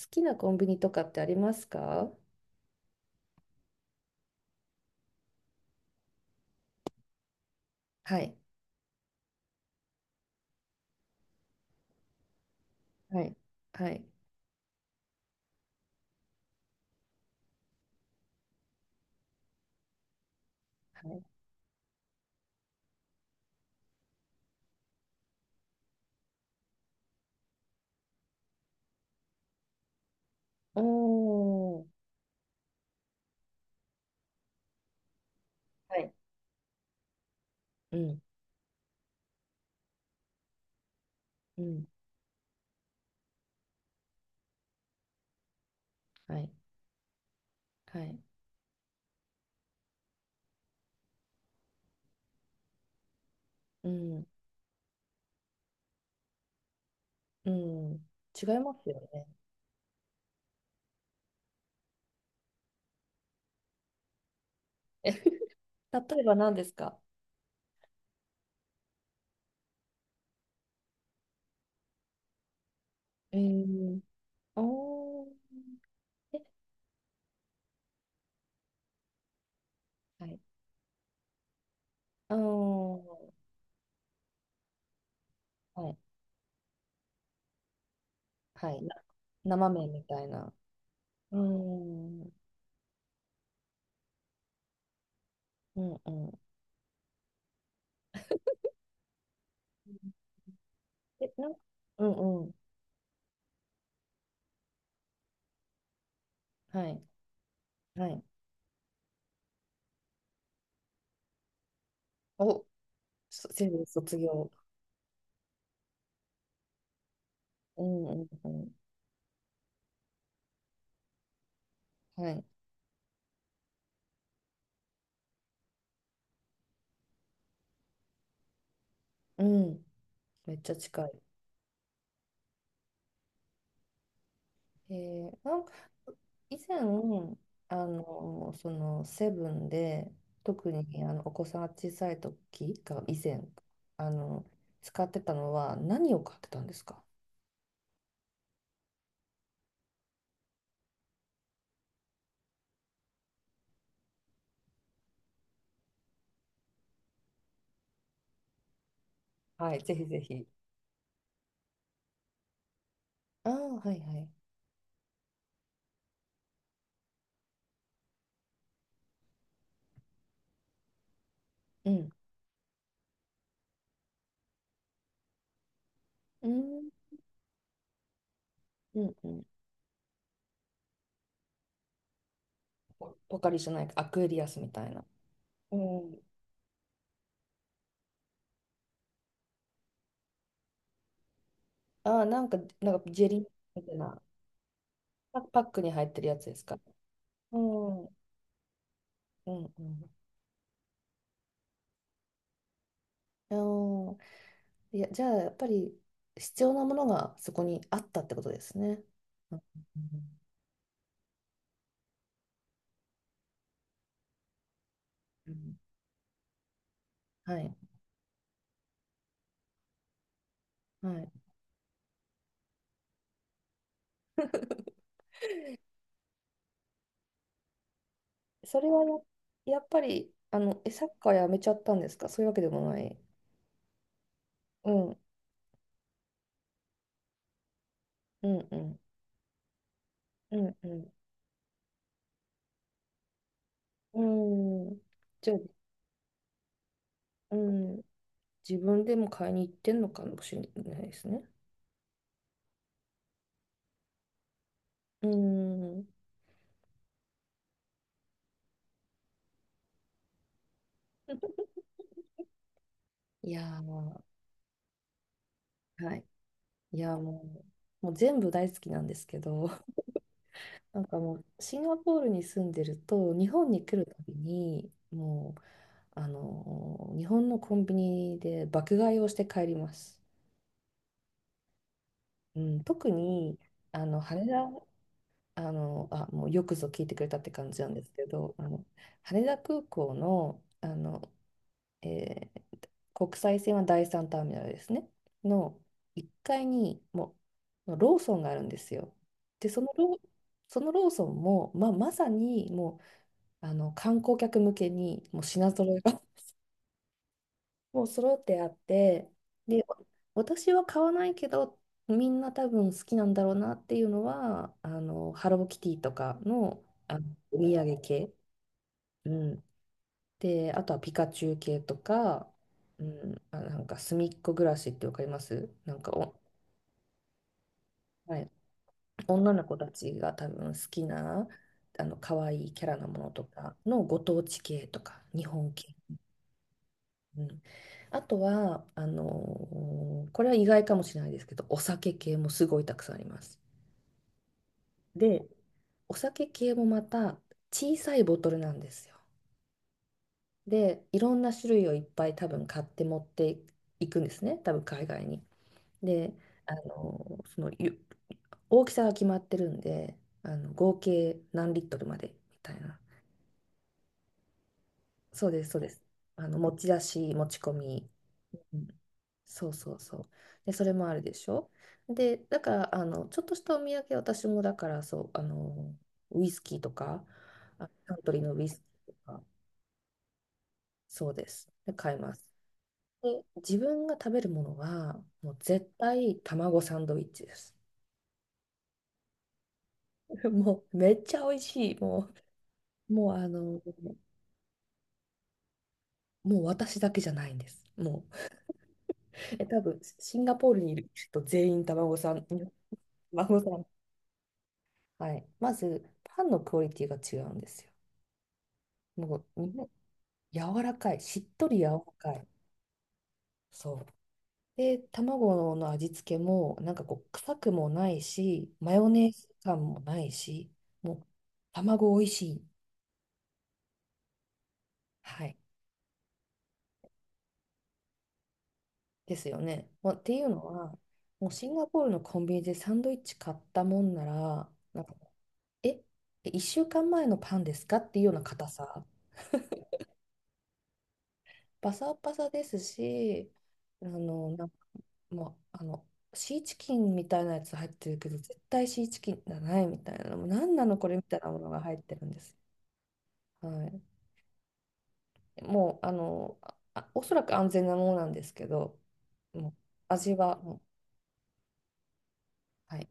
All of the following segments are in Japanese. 好きなコンビニとかってありますか？はい、はい、はい、はい。おー、はい、うん、うん、はい、はい、うん、うん。違いますよね。例えば何ですか？えー、おー、え、はい、おー、はい、はい、生麺みたいな。うーん、うん、うん。え、なん、うん、うん、はい、はい。お、そ、せ卒業。うん、うん、うん。はい。うん、めっちゃ近い。えー、なんか以前、そのセブンで、特にお子さんが小さい時が以前、あの、使ってたのは何を買ってたんですか？はい、ぜひぜひ。ああ、はいはい。うん。うん、うん、うん。ポポカリじゃないか、アクエリアスみたいな。うん。ああ、なんか、ジェリーみたいな、パックに入ってるやつですか？うん、うん、うん。あー、いや、じゃあ、やっぱり必要なものがそこにあったってことですね。うん、うん、はい、はい。それはや、やっぱり、サッカーやめちゃったんですか？そういうわけでもない。うん、うん、うん、うん、うん。うん。じゃあ、うん、自分でも買いに行ってんのかもしれないですね。うん。いやー、はい。いやー、もう全部大好きなんですけど、なんかもうシンガポールに住んでると日本に来るたびにもう日本のコンビニで爆買いをして帰ります。うん、特に羽田、もうよくぞ聞いてくれたって感じなんですけど、羽田空港の、えー国際線は第3ターミナルですね、の1階にもローソンがあるんですよ。で、そのローソンも、まあ、まさにもう観光客向けにもう品揃えが もう揃ってあって、で、私は買わないけど、みんな多分好きなんだろうなっていうのはハローキティとかの、お土産系、うん、で、あとはピカチュウ系とか、うん、あ、なんかすみっこ暮らしってわかります？なんか、お、はい、女の子たちが多分好きな可愛いキャラのものとかのご当地系とか日本系、うん、あとは、これは意外かもしれないですけど、お酒系もすごいたくさんあります。で、お酒系もまた小さいボトルなんですよ。で、いろんな種類をいっぱい多分買って持っていくんですね、多分海外に。で、あのーそのゆ大きさが決まってるんで、合計何リットルまでみたいな。そうです、そうです。持ち出し、持ち込み。そうそうそう。で、それもあるでしょ。で、だから、ちょっとしたお土産、私もだから、そう、ウイスキーとか、あ、サントリーのウイスキーとか、そうです。で、買います。で、自分が食べるものは、もう絶対卵サンドイッチです。もう、めっちゃ美味しい。もう、もう、もう私だけじゃないんです。もう、え、多分、シンガポールにいる人全員卵サン、卵サン。はい。まず、パンのクオリティが違うんですよ。もう、みんな柔らかい。しっとり柔らかい。そう。で、卵の味付けも、なんかこう、臭くもないし、マヨネーズ感もないし、もう、卵美味しい。はい。ですよね。まあ、っていうのは、もうシンガポールのコンビニでサンドイッチ買ったもんなら、なんか、え、1週間前のパンですかっていうような硬さ。パサパサですし、あの、なんか、まああの、シーチキンみたいなやつ入ってるけど、絶対シーチキンじゃないみたいな、もう何なのこれみたいなものが入ってるんです。はい。もう、おそらく安全なものなんですけど、もう、味は、もう、はい。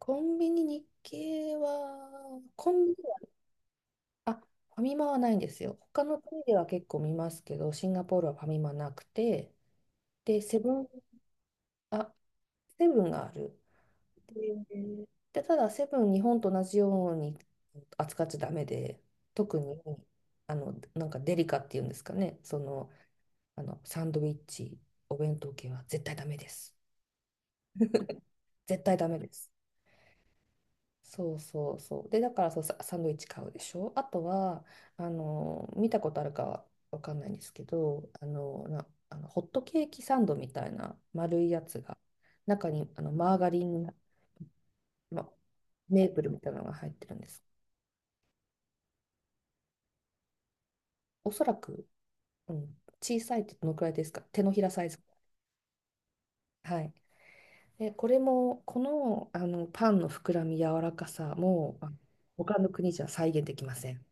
コンビニ日系は、コンビニは、あ、ファミマはないんですよ。他の国では結構見ますけど、シンガポールはファミマなくて、で、セブン、あ、セブンがある。で、ただセブン日本と同じように扱っちゃダメで、特になんかデリカっていうんですかね、その、サンドイッチお弁当系は絶対ダメです。絶対ダメです。そうそうそう、で、だから、そう、サンドイッチ買うでしょ、あとは見たことあるかわかんないんですけど、あのなあのホットケーキサンドみたいな丸いやつが、中にマーガリン、ま、メープルみたいなのが入ってるんです。おそらく、うん、小さいってどのくらいですか？手のひらサイズ。はい。で、これも、この、パンの膨らみ、柔らかさも、あ、他の国じゃ再現できません。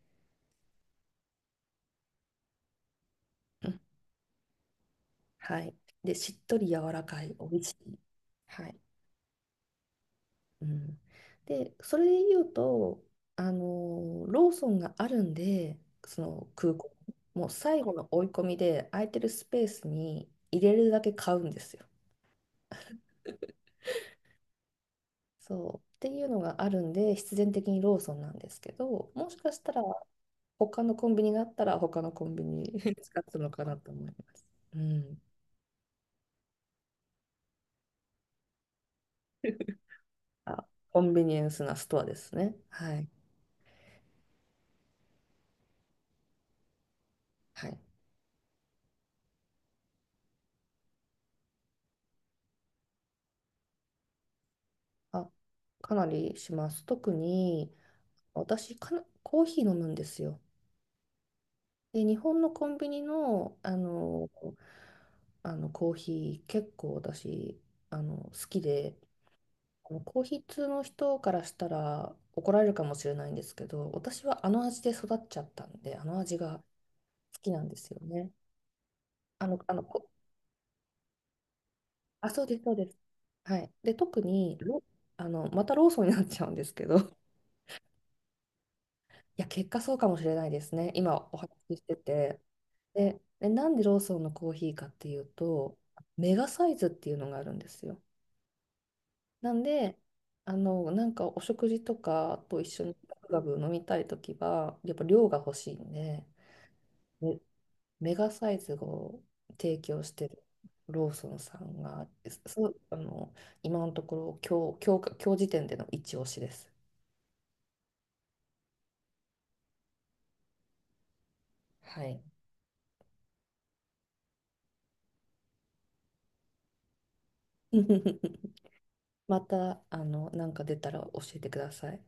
うん、はい。で、しっとり柔らかい、美味しい。はい。うん、で、それで言うと、ローソンがあるんで、その空港、もう最後の追い込みで、空いてるスペースに入れるだけ買うんですよ。そうっていうのがあるんで必然的にローソンなんですけど、もしかしたら他のコンビニがあったら他のコンビニ 使ったのかなと思います。うん。あ、コンビニエンスなストアですね。はい。はい。あ、かなりします。特に私かな、コーヒー飲むんですよ。で、日本のコンビニの、コーヒー結構私好きで。ヒー筆の人からしたら怒られるかもしれないんですけど、私はあの味で育っちゃったんで、あの味が好きなんですよね。あの、あの、こあ、そうです、そうです。はい。で、特に、あの、またローソンになっちゃうんですけど、いや、結果そうかもしれないですね。今お話ししてて。で、なんでローソンのコーヒーかっていうと、メガサイズっていうのがあるんですよ。なんで、なんかお食事とかと一緒にガブガブ飲みたいときは、やっぱ量が欲しいんで、めメガサイズを提供してるローソンさんが、そう、あの、今のところ今日、今日か、今日時点での一押しです。はい。また、なんか出たら教えてください。